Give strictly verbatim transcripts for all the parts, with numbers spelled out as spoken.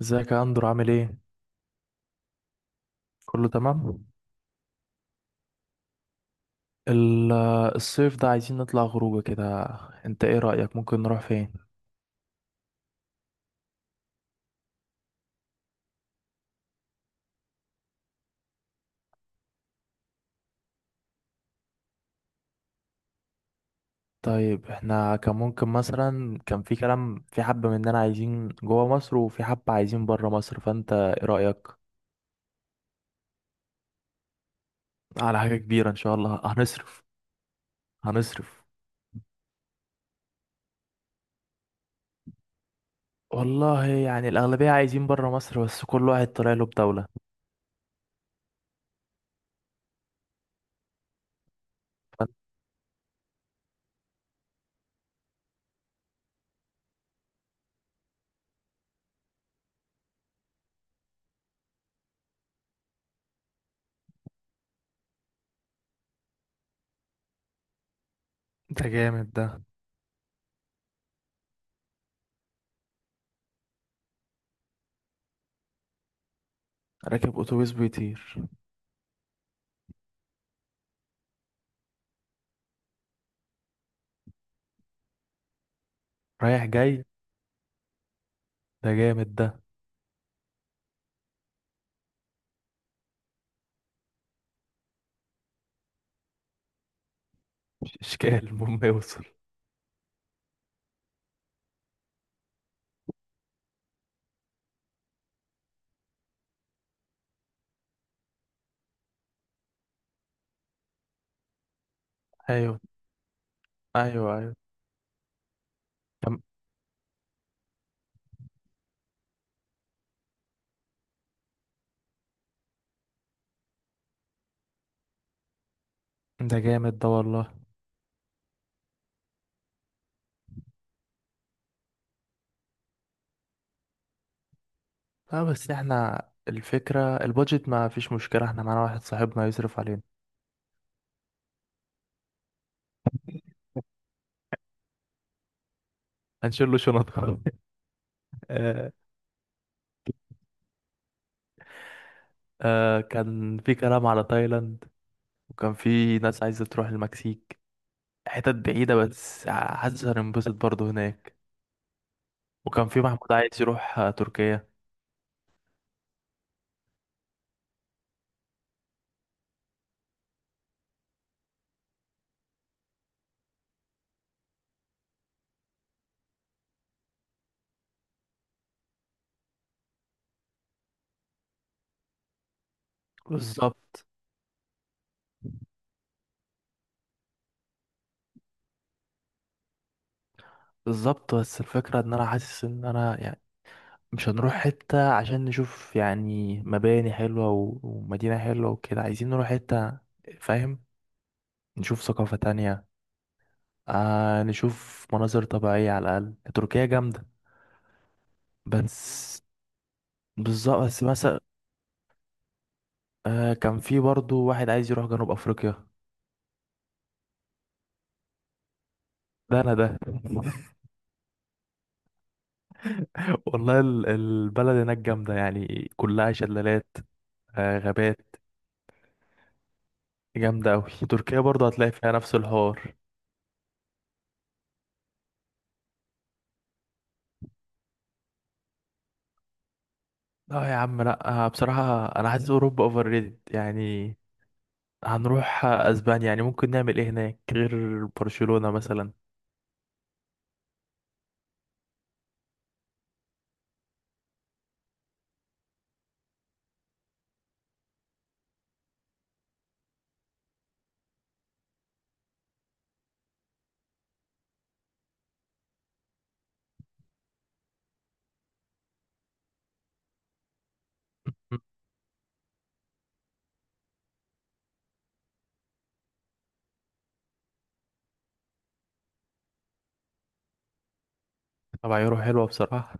ازيك يا اندرو؟ عامل ايه؟ كله تمام. ال- الصيف ده عايزين نطلع خروجه كده. انت ايه رأيك؟ ممكن نروح فين؟ طيب، احنا كان ممكن مثلا، كان في كلام، في حبة مننا عايزين جوه مصر وفي حبة عايزين بره مصر، فانت ايه رأيك؟ على حاجة كبيرة ان شاء الله. هنصرف. هنصرف. والله يعني الأغلبية عايزين بره مصر، بس كل واحد طالع له بدولة. فانت، ده جامد ده. راكب أتوبيس بيطير؟ رايح جاي؟ ده جامد ده. مش اشكال، المهم يوصل. ايوه. ايوه ايوه. طب، ده جامد ده والله. اه بس احنا، الفكرة البادجت ما فيش مشكلة، احنا معانا واحد صاحبنا يصرف علينا. هنشيل له شنطة. آه. آه كان في كلام على تايلاند، وكان في ناس عايزة تروح المكسيك، حتت بعيدة بس حاسس هننبسط برضه هناك. وكان في محمود عايز يروح آه، تركيا. بالظبط. بالظبط بس الفكرة ان انا حاسس ان انا يعني مش هنروح حتة عشان نشوف يعني مباني حلوة و- ومدينة حلوة وكده، عايزين نروح حتة، فاهم؟ نشوف ثقافة تانية. آه نشوف مناظر طبيعية. على الأقل تركيا جامدة. بس، بالظبط. بس مثلا، آه كان في برضو واحد عايز يروح جنوب أفريقيا. ده أنا ده. والله ال- البلد هناك جامدة، يعني كلها شلالات، آه غابات، جامدة أوي. تركيا برضو هتلاقي فيها نفس الحوار. لا يا عم لا، آه، بصراحة أنا حاسس أوروبا أوفر ريتد يعني. هنروح اسبانيا يعني ممكن نعمل ايه هناك غير برشلونة مثلا؟ مم. طبعا يورو حلوة بصراحة.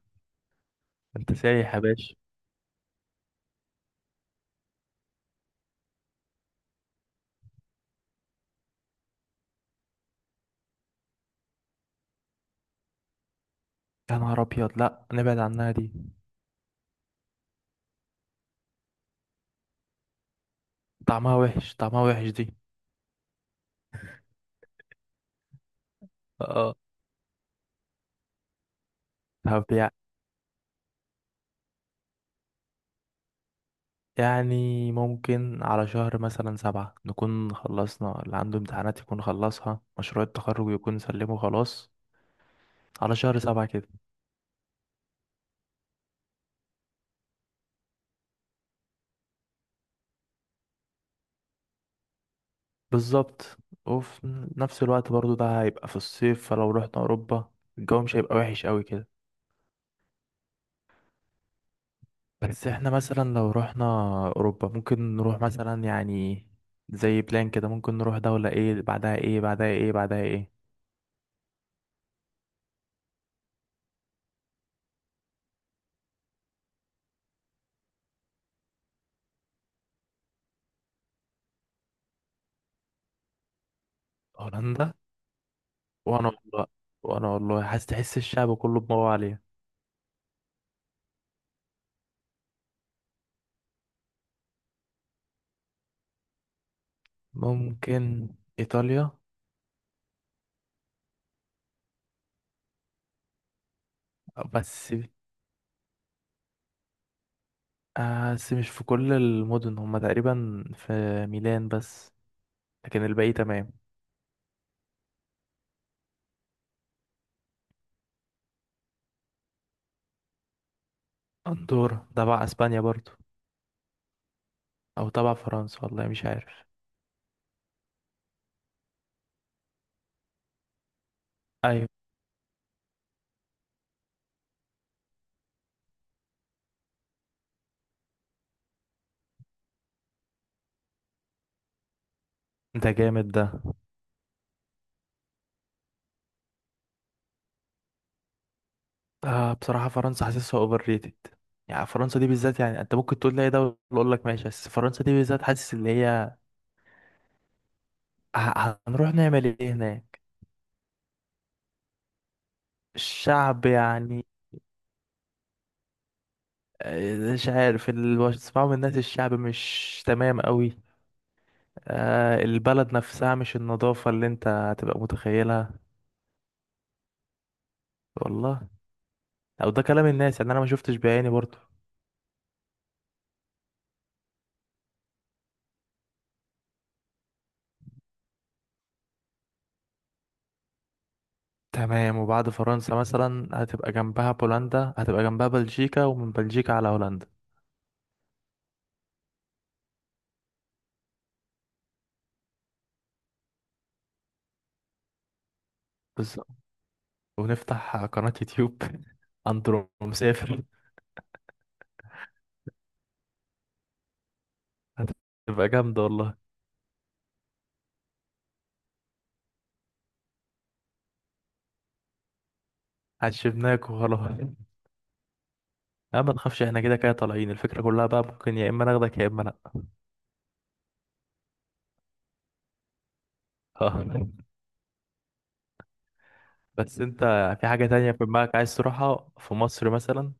انت سايح يا باشا. يا نهار ابيض، لا نبعد عنها دي. طعمها وحش، طعمها وحش دي. اه. طب يع- يعني ممكن على شهر مثلا سبعة نكون خلصنا، اللي عنده امتحانات يكون خلصها، مشروع التخرج يكون سلمه خلاص. على شهر سبعة كده. بالظبط. وفي نفس الوقت برضو ده هيبقى في الصيف، فلو رحنا أوروبا الجو مش هيبقى وحش قوي كده. بس احنا مثلا لو رحنا اوروبا، ممكن نروح مثلا يعني زي بلان كده، ممكن نروح دولة ايه بعدها ايه بعدها ايه بعدها ايه. هولندا. وانا والله، وانا والله حاسس، تحس الشعب كله بدماغه عليها. ممكن ايطاليا. بس آه، بس مش في كل المدن، هما تقريبا في ميلان بس، لكن الباقي تمام. اندورا تبع اسبانيا برضو؟ او تبع فرنسا؟ والله مش عارف. ايوه. ده جامد ده. آه بصراحة فرنسا حاسسها اوفر ريتد يعني. فرنسا دي بالذات، يعني انت ممكن تقول لي اي دولة اقول لك ماشي، بس فرنسا دي بالذات حاسس ان هي ه- هنروح نعمل ايه هناك؟ الشعب يعني، آه، مش عارف، اللي بسمعه من الناس الشعب مش تمام قوي. آه البلد نفسها، مش النظافة اللي انت هتبقى متخيلها. والله. او ده كلام الناس يعني، انا ما شفتش بعيني برضه. تمام. وبعد فرنسا مثلا هتبقى جنبها بولندا، هتبقى جنبها بلجيكا، ومن بلجيكا على هولندا. ونفتح قناة يوتيوب. أندرو مسافر. هتبقى جامدة والله. عشبناك وخلاص. لا ما تخافش، احنا كده كده طالعين، الفكرة كلها بقى ممكن يا إما ناخدك يا إما لأ. آه. بس أنت، في حاجة تانية في دماغك عايز تروحها في مصر مثلا؟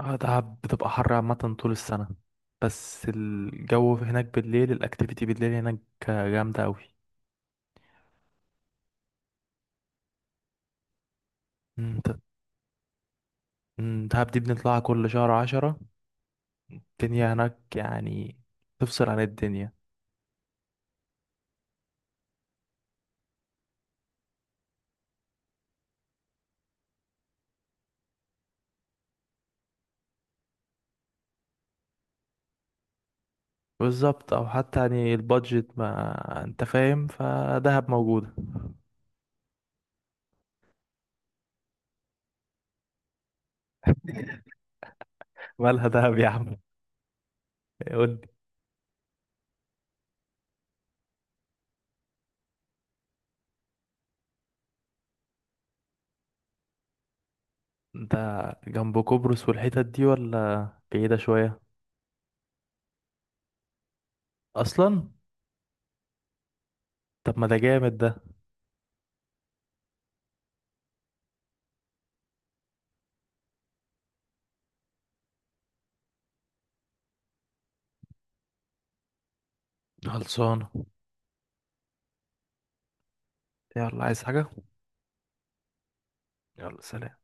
آه، دهب بتبقى حر عامة طول السنة. بس الجو هناك بالليل، الأكتيفيتي بالليل هناك جامدة أوي. مم، د- مم، دهب دي بنطلعها كل شهر عشرة. الدنيا هناك يعني تفصل عن الدنيا. بالظبط. او حتى يعني البادجت، ما انت فاهم، فدهب موجودة. مالها دهب يا عم؟ قول لي انت. جنب قبرص والحتت دي؟ ولا بعيدة شوية؟ اصلا؟ طب ما ده جامد ده. خلصانة. يلا، عايز حاجة؟ يلا سلام.